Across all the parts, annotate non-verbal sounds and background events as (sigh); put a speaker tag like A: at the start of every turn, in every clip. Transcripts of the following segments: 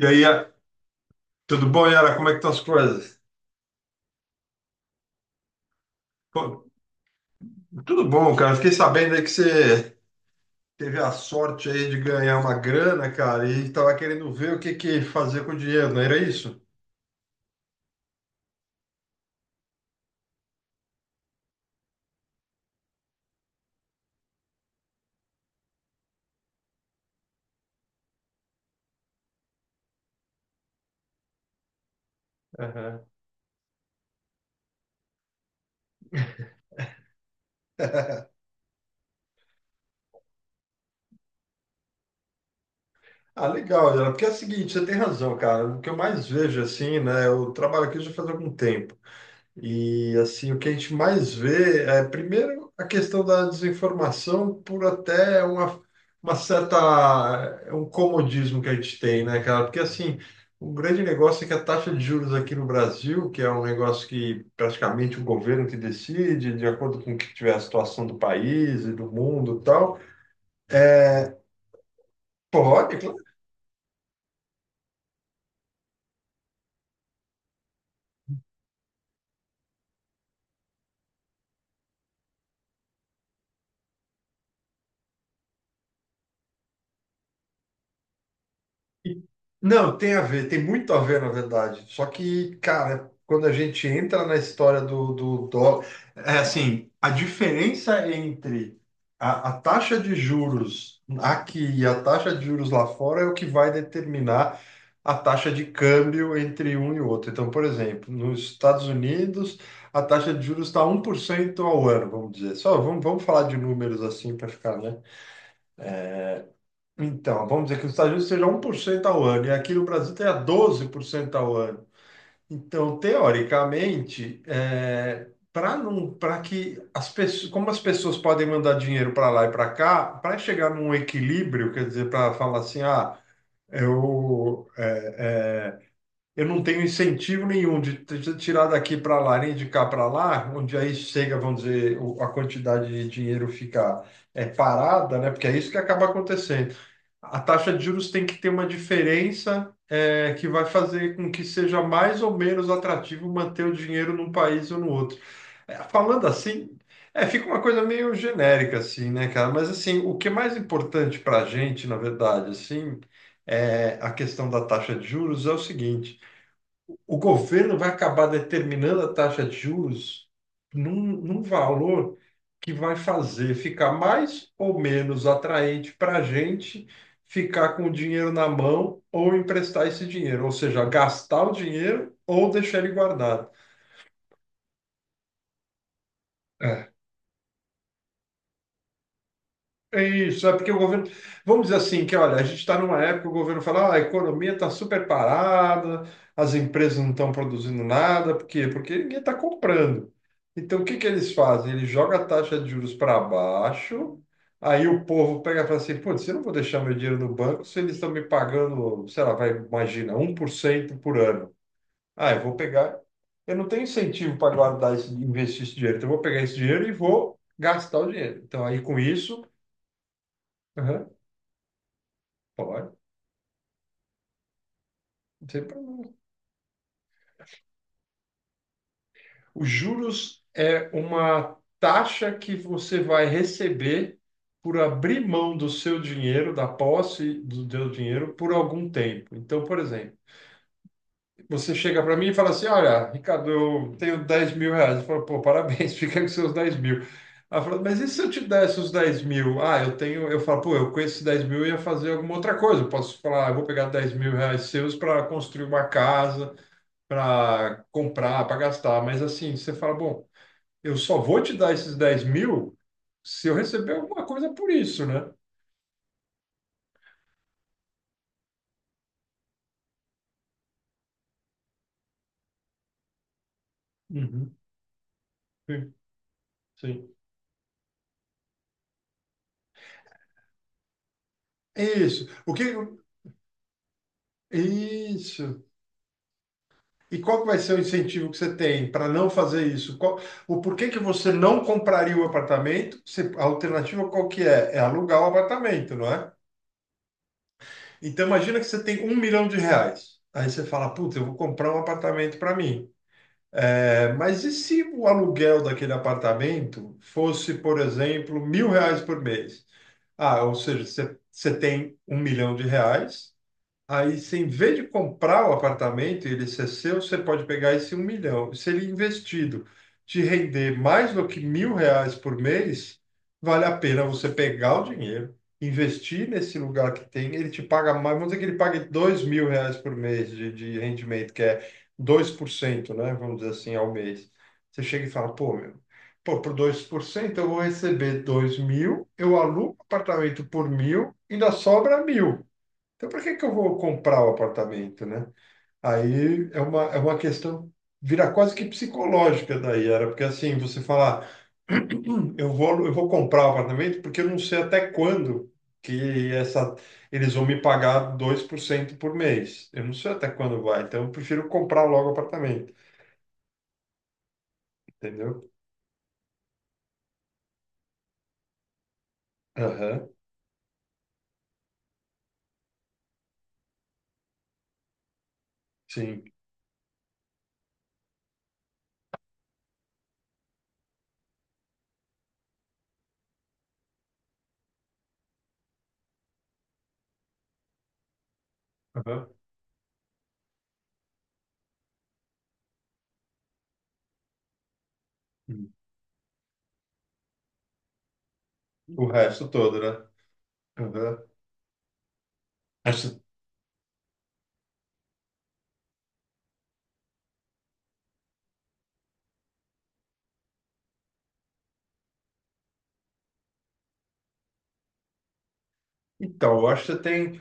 A: E aí, tudo bom, Yara? Como é que estão as coisas? Pô, tudo bom, cara. Fiquei sabendo aí que você teve a sorte aí de ganhar uma grana, cara, e estava querendo ver o que que fazer com o dinheiro, não era isso? Aham. (laughs) Ah, legal, Yara. Porque é o seguinte, você tem razão, cara. O que eu mais vejo assim, né? Eu trabalho aqui já faz algum tempo. E assim, o que a gente mais vê é, primeiro, a questão da desinformação por até uma certa, é um comodismo que a gente tem, né, cara? Porque assim, o grande negócio é que a taxa de juros aqui no Brasil, que é um negócio que praticamente o governo que decide, de acordo com o que tiver a situação do país e do mundo e tal. Pode. E- Não, tem a ver, tem muito a ver, na verdade. Só que, cara, quando a gente entra na história do dólar, é assim, a diferença entre a taxa de juros aqui e a taxa de juros lá fora é o que vai determinar a taxa de câmbio entre um e outro. Então, por exemplo, nos Estados Unidos, a taxa de juros está 1% ao ano, vamos dizer. Só vamos falar de números assim para ficar, né? Então, vamos dizer que os Estados Unidos seja 1% ao ano, e aqui no Brasil tenha 12% ao ano. Então, teoricamente, para não, para que as pessoas, como as pessoas podem mandar dinheiro para lá e para cá, para chegar num equilíbrio, quer dizer, para falar assim, ah, eu, eu não tenho incentivo nenhum de tirar daqui para lá, nem de cá para lá, onde aí chega, vamos dizer, a quantidade de dinheiro fica parada, né? Porque é isso que acaba acontecendo. A taxa de juros tem que ter uma diferença que vai fazer com que seja mais ou menos atrativo manter o dinheiro num país ou no outro. Falando assim, fica uma coisa meio genérica, assim, né, cara? Mas, assim, o que é mais importante para a gente, na verdade, assim, a questão da taxa de juros é o seguinte: o governo vai acabar determinando a taxa de juros num valor que vai fazer ficar mais ou menos atraente para a gente ficar com o dinheiro na mão ou emprestar esse dinheiro, ou seja, gastar o dinheiro ou deixar ele guardado. É. É isso, é porque o governo. Vamos dizer assim, que olha, a gente está numa época, que o governo fala, "Ah, a economia está super parada, as empresas não estão produzindo nada, por quê? Porque ninguém está comprando. Então, o que que eles fazem? Eles jogam a taxa de juros para baixo, aí o povo pega e fala assim, putz, eu não vou deixar meu dinheiro no banco se eles estão me pagando, sei lá, vai, imagina, 1% por cento por ano. Ah, eu vou pegar. Eu não tenho incentivo para guardar esse, investir esse dinheiro, então eu vou pegar esse dinheiro e vou gastar o dinheiro. Então, aí com isso. Pode, não tem problema. Os juros é uma taxa que você vai receber por abrir mão do seu dinheiro, da posse do seu dinheiro, por algum tempo. Então, por exemplo, você chega para mim e fala assim: Olha, Ricardo, eu tenho 10 mil reais. Eu falo, pô, parabéns, (laughs) fica com seus 10 mil. Ela fala, mas e se eu te desse os 10 mil? Ah, eu tenho. Eu falo, pô, eu com esses 10 mil eu ia fazer alguma outra coisa. Eu posso falar, "Ah, eu vou pegar 10 mil reais seus para construir uma casa para comprar, para gastar. Mas assim, você fala, bom, eu só vou te dar esses 10 mil se eu receber alguma coisa por isso, né? Uhum. Sim, sim. Isso. O que... Isso. E qual que vai ser o incentivo que você tem para não fazer isso? Qual... O porquê que você não compraria o apartamento? Se... A alternativa qual que é? É alugar o apartamento, não é? Então imagina que você tem 1 milhão de reais. Aí você fala, puta, eu vou comprar um apartamento para mim. Mas e se o aluguel daquele apartamento fosse, por exemplo, mil reais por mês? Ah, ou seja, você tem 1 milhão de reais. Aí, se em vez de comprar o apartamento e ele ser seu, você pode pegar esse 1 milhão. Se ele investido te render mais do que mil reais por mês, vale a pena você pegar o dinheiro, investir nesse lugar que tem, ele te paga mais, vamos dizer que ele pague 2 mil reais por mês de rendimento, que é 2%, né? Vamos dizer assim, ao mês. Você chega e fala, pô, meu, pô, por 2% eu vou receber 2 mil, eu alugo apartamento por mil, ainda sobra mil. Então, para que que eu vou comprar o apartamento, né? Aí é uma questão, vira quase que psicológica daí, era porque assim, você falar, (clears throat) eu vou comprar o apartamento porque eu não sei até quando que essa, eles vão me pagar 2% por cento por mês. Eu não sei até quando vai, então eu prefiro comprar logo o apartamento, entendeu? Aham, sim. Aham. Hum, o resto todo, né? Aham. Acho- Então, eu acho que você tem.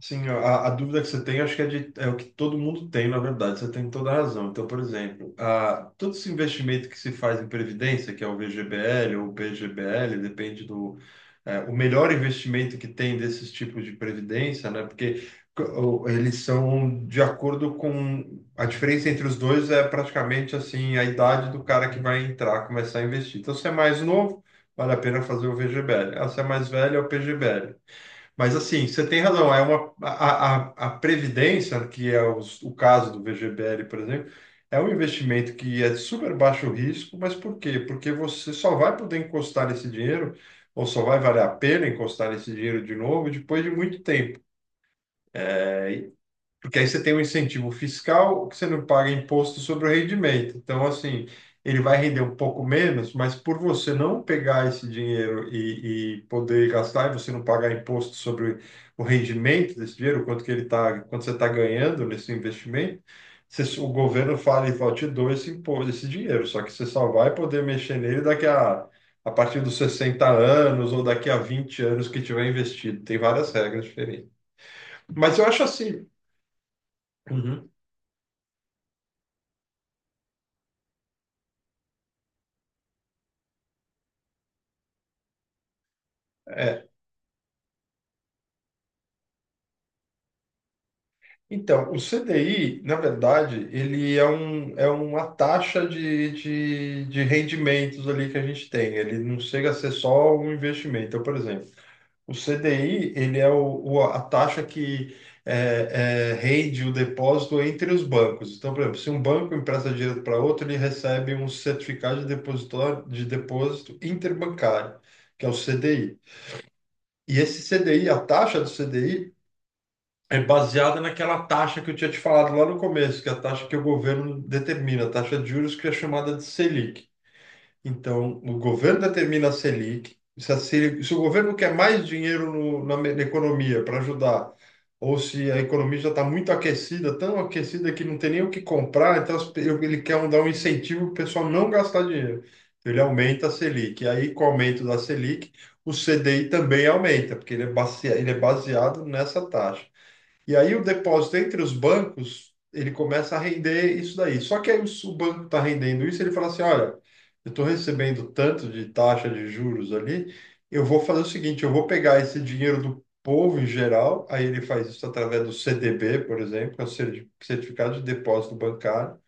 A: Sim, a dúvida que você tem, acho que é o que todo mundo tem, na verdade, você tem toda a razão. Então, por exemplo, todo esse investimento que se faz em previdência, que é o VGBL ou o PGBL, depende do. O melhor investimento que tem desses tipos de previdência, né? Porque eles são de acordo com. A diferença entre os dois é praticamente assim a idade do cara que vai entrar, começar a investir. Então, se é mais novo, vale a pena fazer o VGBL. Ah, se é mais velho, é o PGBL. Mas assim, você tem razão, a previdência, que é o caso do VGBL, por exemplo, é um investimento que é de super baixo risco, mas por quê? Porque você só vai poder encostar esse dinheiro, ou só vai valer a pena encostar esse dinheiro de novo depois de muito tempo. É, porque aí você tem um incentivo fiscal que você não paga imposto sobre o rendimento. Então, assim, ele vai render um pouco menos, mas por você não pegar esse dinheiro e poder gastar, e você não pagar imposto sobre o rendimento desse dinheiro, quanto que ele tá, quanto você está ganhando nesse investimento, o governo fala e fala, te dou esse imposto, esse dinheiro, só que você só vai poder mexer nele a partir dos 60 anos ou daqui a 20 anos que tiver investido. Tem várias regras diferentes. Mas eu acho assim. Uhum. Então, o CDI, na verdade, ele é uma taxa de rendimentos ali que a gente tem. Ele não chega a ser só um investimento. Então, por exemplo, o CDI, ele é a taxa que rende o depósito entre os bancos. Então, por exemplo, se um banco empresta dinheiro para outro, ele recebe um certificado de depositório, de depósito interbancário, que é o CDI. E esse CDI, a taxa do CDI, é baseada naquela taxa que eu tinha te falado lá no começo, que é a taxa que o governo determina, a taxa de juros que é chamada de Selic. Então, o governo determina a Selic. Se o governo quer mais dinheiro na economia para ajudar, ou se a economia já está muito aquecida, tão aquecida que não tem nem o que comprar, então ele quer dar um incentivo para o pessoal não gastar dinheiro. Então, ele aumenta a Selic. E aí, com o aumento da Selic, o CDI também aumenta, porque ele é baseado nessa taxa. E aí o depósito entre os bancos, ele começa a render isso daí. Só que aí o banco está rendendo isso, ele fala assim, olha, eu estou recebendo tanto de taxa de juros ali, eu vou fazer o seguinte, eu vou pegar esse dinheiro do povo em geral, aí ele faz isso através do CDB, por exemplo, que é o Certificado de Depósito Bancário,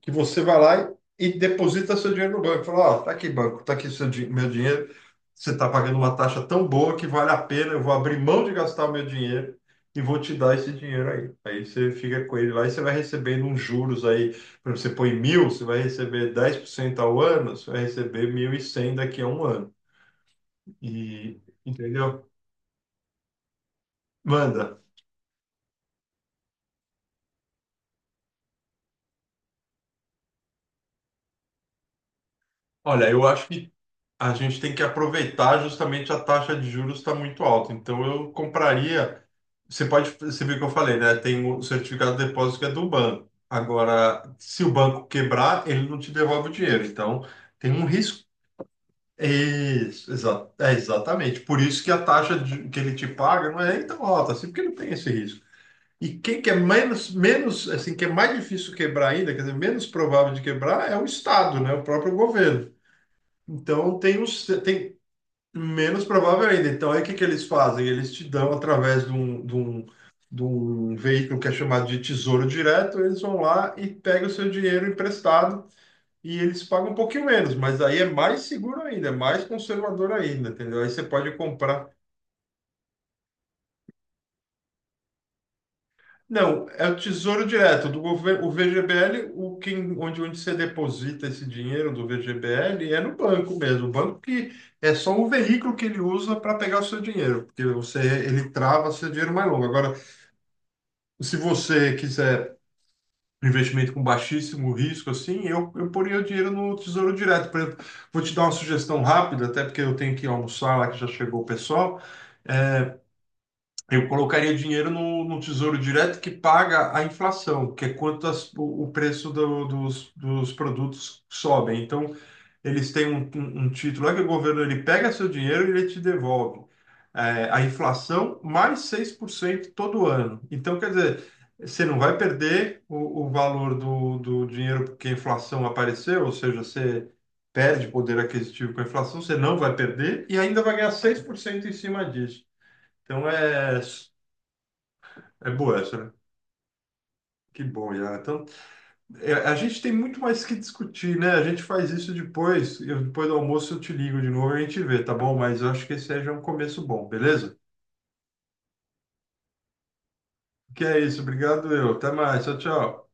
A: que você vai lá e deposita seu dinheiro no banco. Fala, ó, tá aqui, banco, tá aqui meu dinheiro. Você tá pagando uma taxa tão boa que vale a pena. Eu vou abrir mão de gastar o meu dinheiro e vou te dar esse dinheiro aí. Aí você fica com ele lá e você vai recebendo uns juros aí. Por exemplo, você põe mil, você vai receber 10% ao ano, você vai receber 1.100 daqui a um ano. E, entendeu? Manda. Olha, eu acho que a gente tem que aproveitar justamente a taxa de juros está muito alta. Então eu compraria. Você pode, você viu o que eu falei, né? Tem o certificado de depósito que é do banco. Agora, se o banco quebrar, ele não te devolve o dinheiro. Então tem um risco. Isso, é exatamente. Por isso que a taxa que ele te paga não é tão alta assim, porque não tem esse risco. E quem que é menos, assim, que é mais difícil quebrar ainda, quer dizer, menos provável de quebrar é o Estado, né? O próprio governo. Então, tem, os, tem. Menos provável ainda. Então, aí o que que eles fazem? Eles te dão através de um, veículo que é chamado de Tesouro Direto, eles vão lá e pegam o seu dinheiro emprestado e eles pagam um pouquinho menos, mas aí é mais seguro ainda, é mais conservador ainda, entendeu? Aí você pode comprar. Não, é o Tesouro Direto do governo, o VGBL, onde você deposita esse dinheiro do VGBL é no banco mesmo, o banco que é só o veículo que ele usa para pegar o seu dinheiro, porque você ele trava seu dinheiro mais longo. Agora, se você quiser um investimento com baixíssimo risco, assim, eu poria o dinheiro no Tesouro Direto. Por exemplo, vou te dar uma sugestão rápida, até porque eu tenho que almoçar lá que já chegou o pessoal. É, Eu colocaria dinheiro no Tesouro Direto que paga a inflação, que é quanto o preço dos produtos sobem. Então, eles têm um título lá que o governo ele pega seu dinheiro e ele te devolve. A inflação mais 6% todo ano. Então, quer dizer, você não vai perder o valor do dinheiro porque a inflação apareceu, ou seja, você perde poder aquisitivo com a inflação, você não vai perder e ainda vai ganhar 6% em cima disso. Então, é boa essa, né? Que bom, Yara. Então, a gente tem muito mais que discutir, né? A gente faz isso depois. Depois do almoço eu te ligo de novo e a gente vê, tá bom? Mas eu acho que esse aí já é um começo bom, beleza? Que é isso. Obrigado, eu. Até mais. Tchau, tchau.